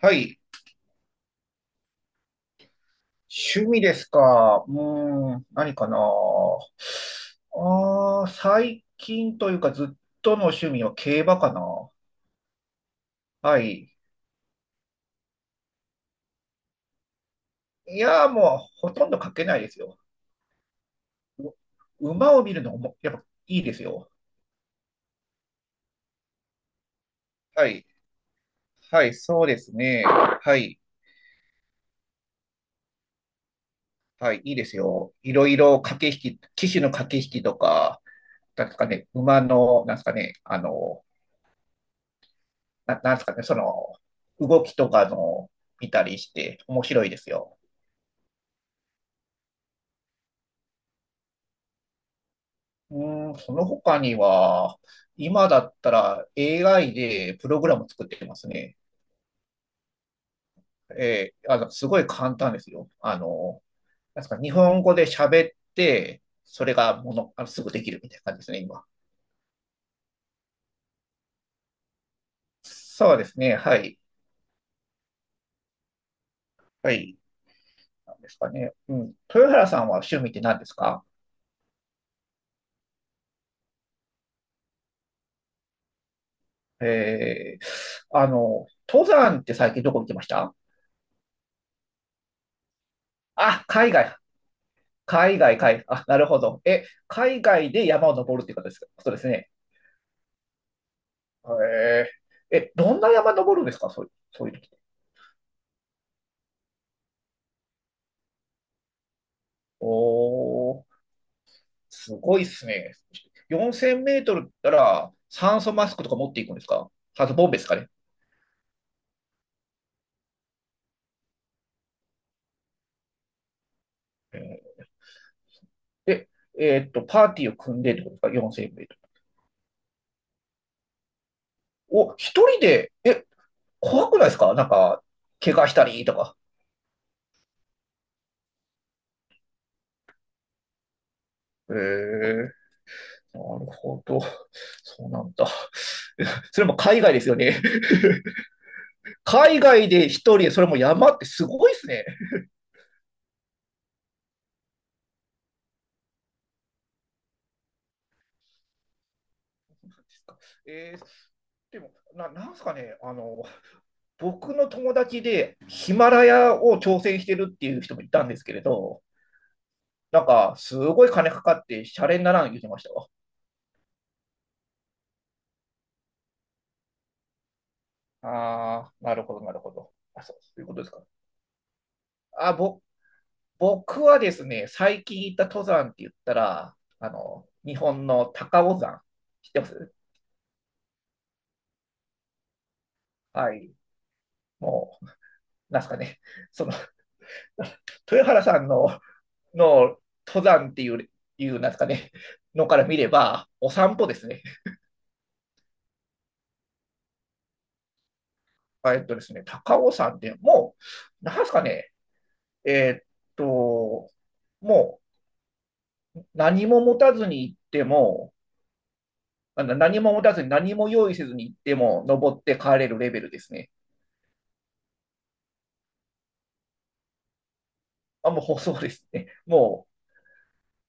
はい。趣味ですか。うーん、何かな。ああ、最近というかずっとの趣味は競馬かな。はい。いやー、もうほとんどかけないですよ。う馬を見るのもやっぱいいですよ。はい。はい、そうですね。はい。はい、いいですよ。いろいろ駆け引き、騎手の駆け引きとか、なんですかね、馬の、なんですかね、あの、なんですかね、その、動きとかの見たりして面白いですよ。うーん、その他には、今だったら AI でプログラム作ってますね。あの、すごい簡単ですよ。あの、なんですか、日本語で喋って、それがもの、あの、すぐできるみたいな感じですね、今。そうですね、はい。はい。なんですかね。うん。豊原さんは趣味って何ですか？えー、あの、登山って最近どこ行ってました？あ、海外。海外、海外、あ、なるほど。え、海外で山を登るっていうことですか、ことですね。へえ。え、どんな山登るんですか、そういう時って。おー、すごいっすね。4000メートルったら酸素マスクとか持っていくんですか？酸素ボンベですかね。えーで、パーティーを組んでってことですか ?4000 メートル。お、一人で、え、怖くないですか、なんか、怪我したりとか。へえ、なるほど。そうなんだ。それも海外ですよね。海外で一人で、それも山ってすごいですね。えーでもなんすかね、あの、僕の友達でヒマラヤを挑戦してるっていう人もいたんですけれど、なんか、すごい金かかって、シャレにならん言ってましたわ。あー、なるほど、なるほど。あ、そう、そういうことですか。あ、僕はですね、最近行った登山って言ったら、あの、日本の高尾山、知ってます？はい。もう、なんすかね、その、豊原さんの登山っていう、いうなんですかね、のから見れば、お散歩ですね。ですね、高尾山ってもう、なんですかね、えーっと、もう何も持たずに行っても、何も持たずに何も用意せずに行っても登って帰れるレベルですね。あ、もうそうですね。も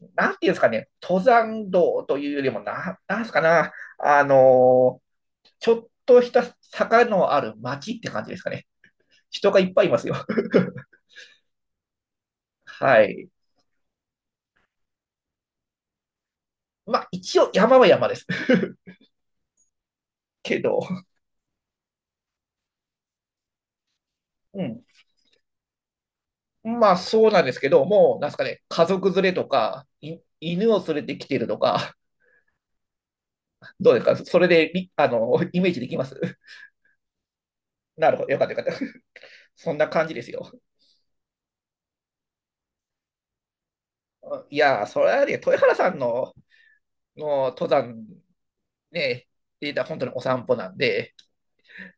う、なんていうんですかね、登山道というよりも、なんですかな、あのーちょっとした坂のある街って感じですかね。人がいっぱいいますよ。はい。まあ、一応山は山です。けど、うん。まあ、そうなんですけど、もう、なんすかね、家族連れとか、犬を連れてきてるとか、どうですかそれでみあの、イメージできます？ なるほど。よかったよかった。そんな感じですよ。いやー、それはね、豊原さんの、の登山、ね、データ本当にお散歩なんで、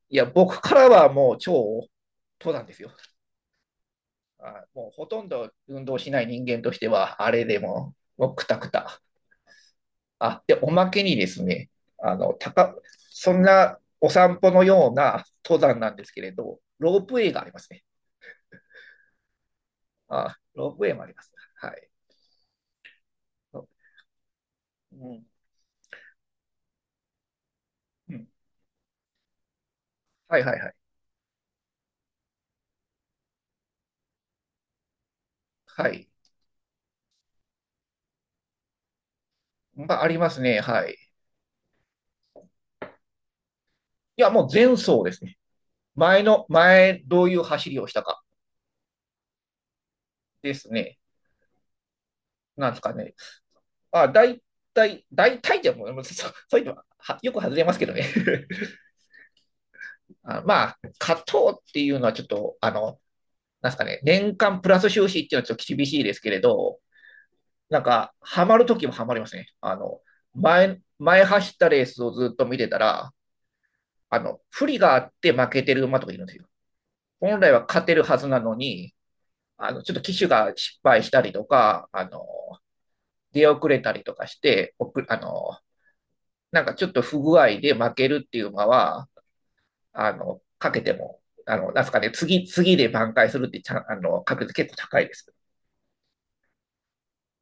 いや、僕からはもう超登山ですよ。あもうほとんど運動しない人間としては、あれでも、もうくたくた。あ、で、おまけにですね、あの、高、そんなお散歩のような登山なんですけれど、ロープウェイがありますね。あ、ロープウェイもあります。はい。うん。うん。はいはいはい。はい。まあ、ありますね。はい。いや、もう前走ですね。前、どういう走りをしたかですね。なんですかね。あ、大体でも、もうそ、そういうのはよく外れますけどね。あ、まあ、勝とうっていうのはちょっと、あの、なんですかね、年間プラス収支っていうのはちょっと厳しいですけれど、なんか、ハマるときもハマりますね。あの、前走ったレースをずっと見てたら、あの、不利があって負けてる馬とかいるんですよ。本来は勝てるはずなのに、あの、ちょっと騎手が失敗したりとか、あの、出遅れたりとかして、あの、なんかちょっと不具合で負けるっていう馬は、あの、かけても、あの、なんすかね、次で挽回するってちゃん、あの、確率結構高いです。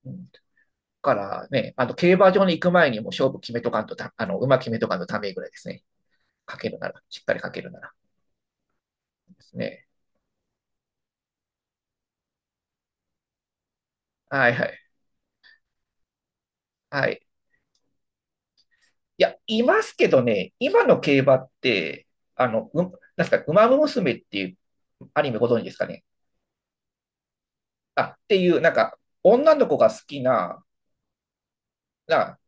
うんからね、あの、競馬場に行く前にもう勝負決めとかんとた、あの、馬決めとかんとダメぐらいですね。かけるなら、しっかりかけるならですね。はいはい。はい。いや、いますけどね、今の競馬って、あの、うん、なんすか、馬娘っていうアニメご存知ですかね。あ、っていう、なんか、女の子が好きな、な、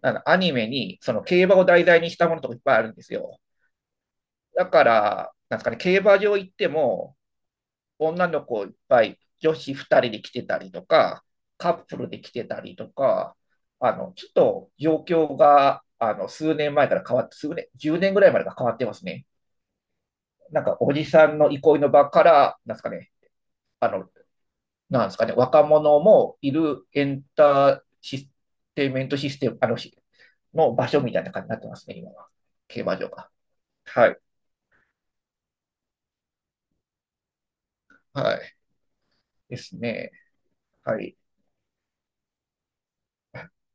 なんだアニメに、その競馬を題材にしたものとかいっぱいあるんですよ。だから、なんですかね、競馬場行っても、女の子いっぱい、女子2人で来てたりとか、カップルで来てたりとか、あの、ちょっと状況が、あの、数年前から変わって、数年、10年ぐらいまでが変わってますね。なんか、おじさんの憩いの場から、なんですかね、あの、なんですかね、若者もいるエンターシテイメントシステム、あの、の場所みたいな感じになってますね、今は。競馬場が。はい。はい。ですね。はい。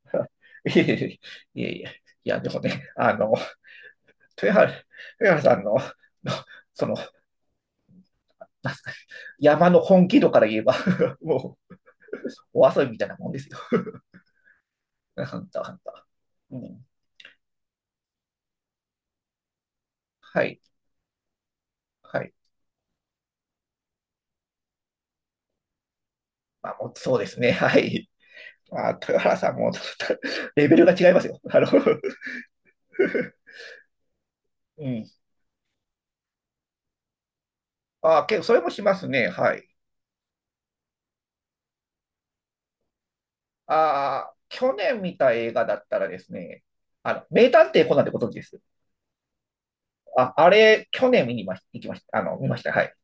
いえいえ、いえいえ。いや、でもね、あの、豊原、豊原さんのその、すか山の本気度から言えば もう、お遊びみたいなもんですよ。ハンター、ハンター。うん。はい、はい。まあ、もうそうですね。はい。まあ、豊原さんも、レベルが違いますよ。あの うん。あ、結構それもしますね。はい。ああ、去年見た映画だったらですね、あの、名探偵コナンってことです。あ、あれ、去年見にまし、行きました。あの、見ました。はい。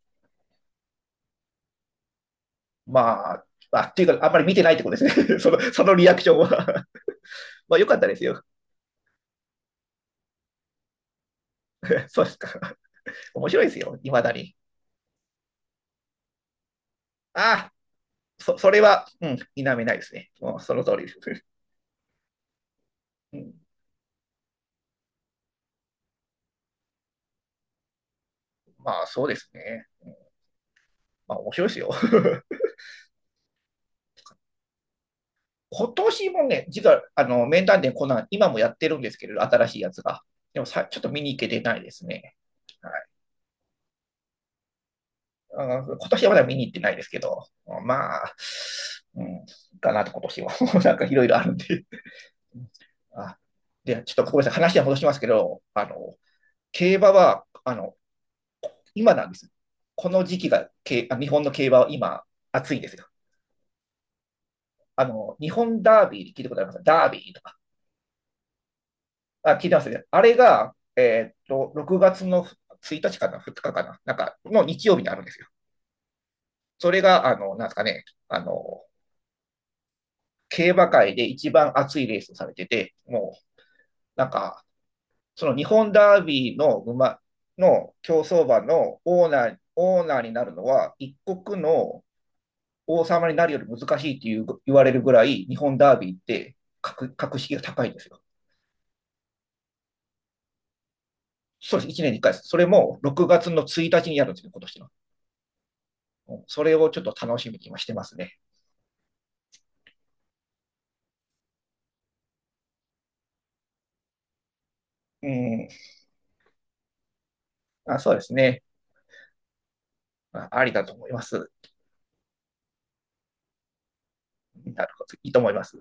まあ、あ、っていうか、あんまり見てないってことですね。そのリアクションは まあ、良かったですよ。そうですか。面白いですよ。未だに。ああ、それは、うん、否めないですね。もう、その通りです。うんまあ、そうですね。まあ、面白いですよ。今年もね、実は、あの、面談でコナン、今もやってるんですけれど、新しいやつが。でもさ、ちょっと見に行けてないですね。はい。うん今年はまだ見に行ってないですけど、まあ、うん、かなと、今年は。なんかいろいろあるんで。あで、ちょっとごめんなさい、話は戻しますけど、あの競馬はあの今なんです。この時期が日本の競馬は今、暑いんですよ。あの日本ダービーで聞いたことありますか？ダービーとか。あ、聞いてますね。あれが、6月の1日かな、2日かかな、なんかの日曜日にあるんですよ。それが、あのなんですかね、あの競馬界で一番熱いレースをされてて、もうなんかその日本ダービーの競走馬のオーナーになるのは、一国の王様になるより難しいっていう言われるぐらい、日本ダービーって格式が高いんですよ。そうです、1年に1回です。それも6月の1日にやるんですよ、今年の。それをちょっと楽しみに今してますね。うん。あ、そうですね。まあありだと思います。なるほど。いいと思います。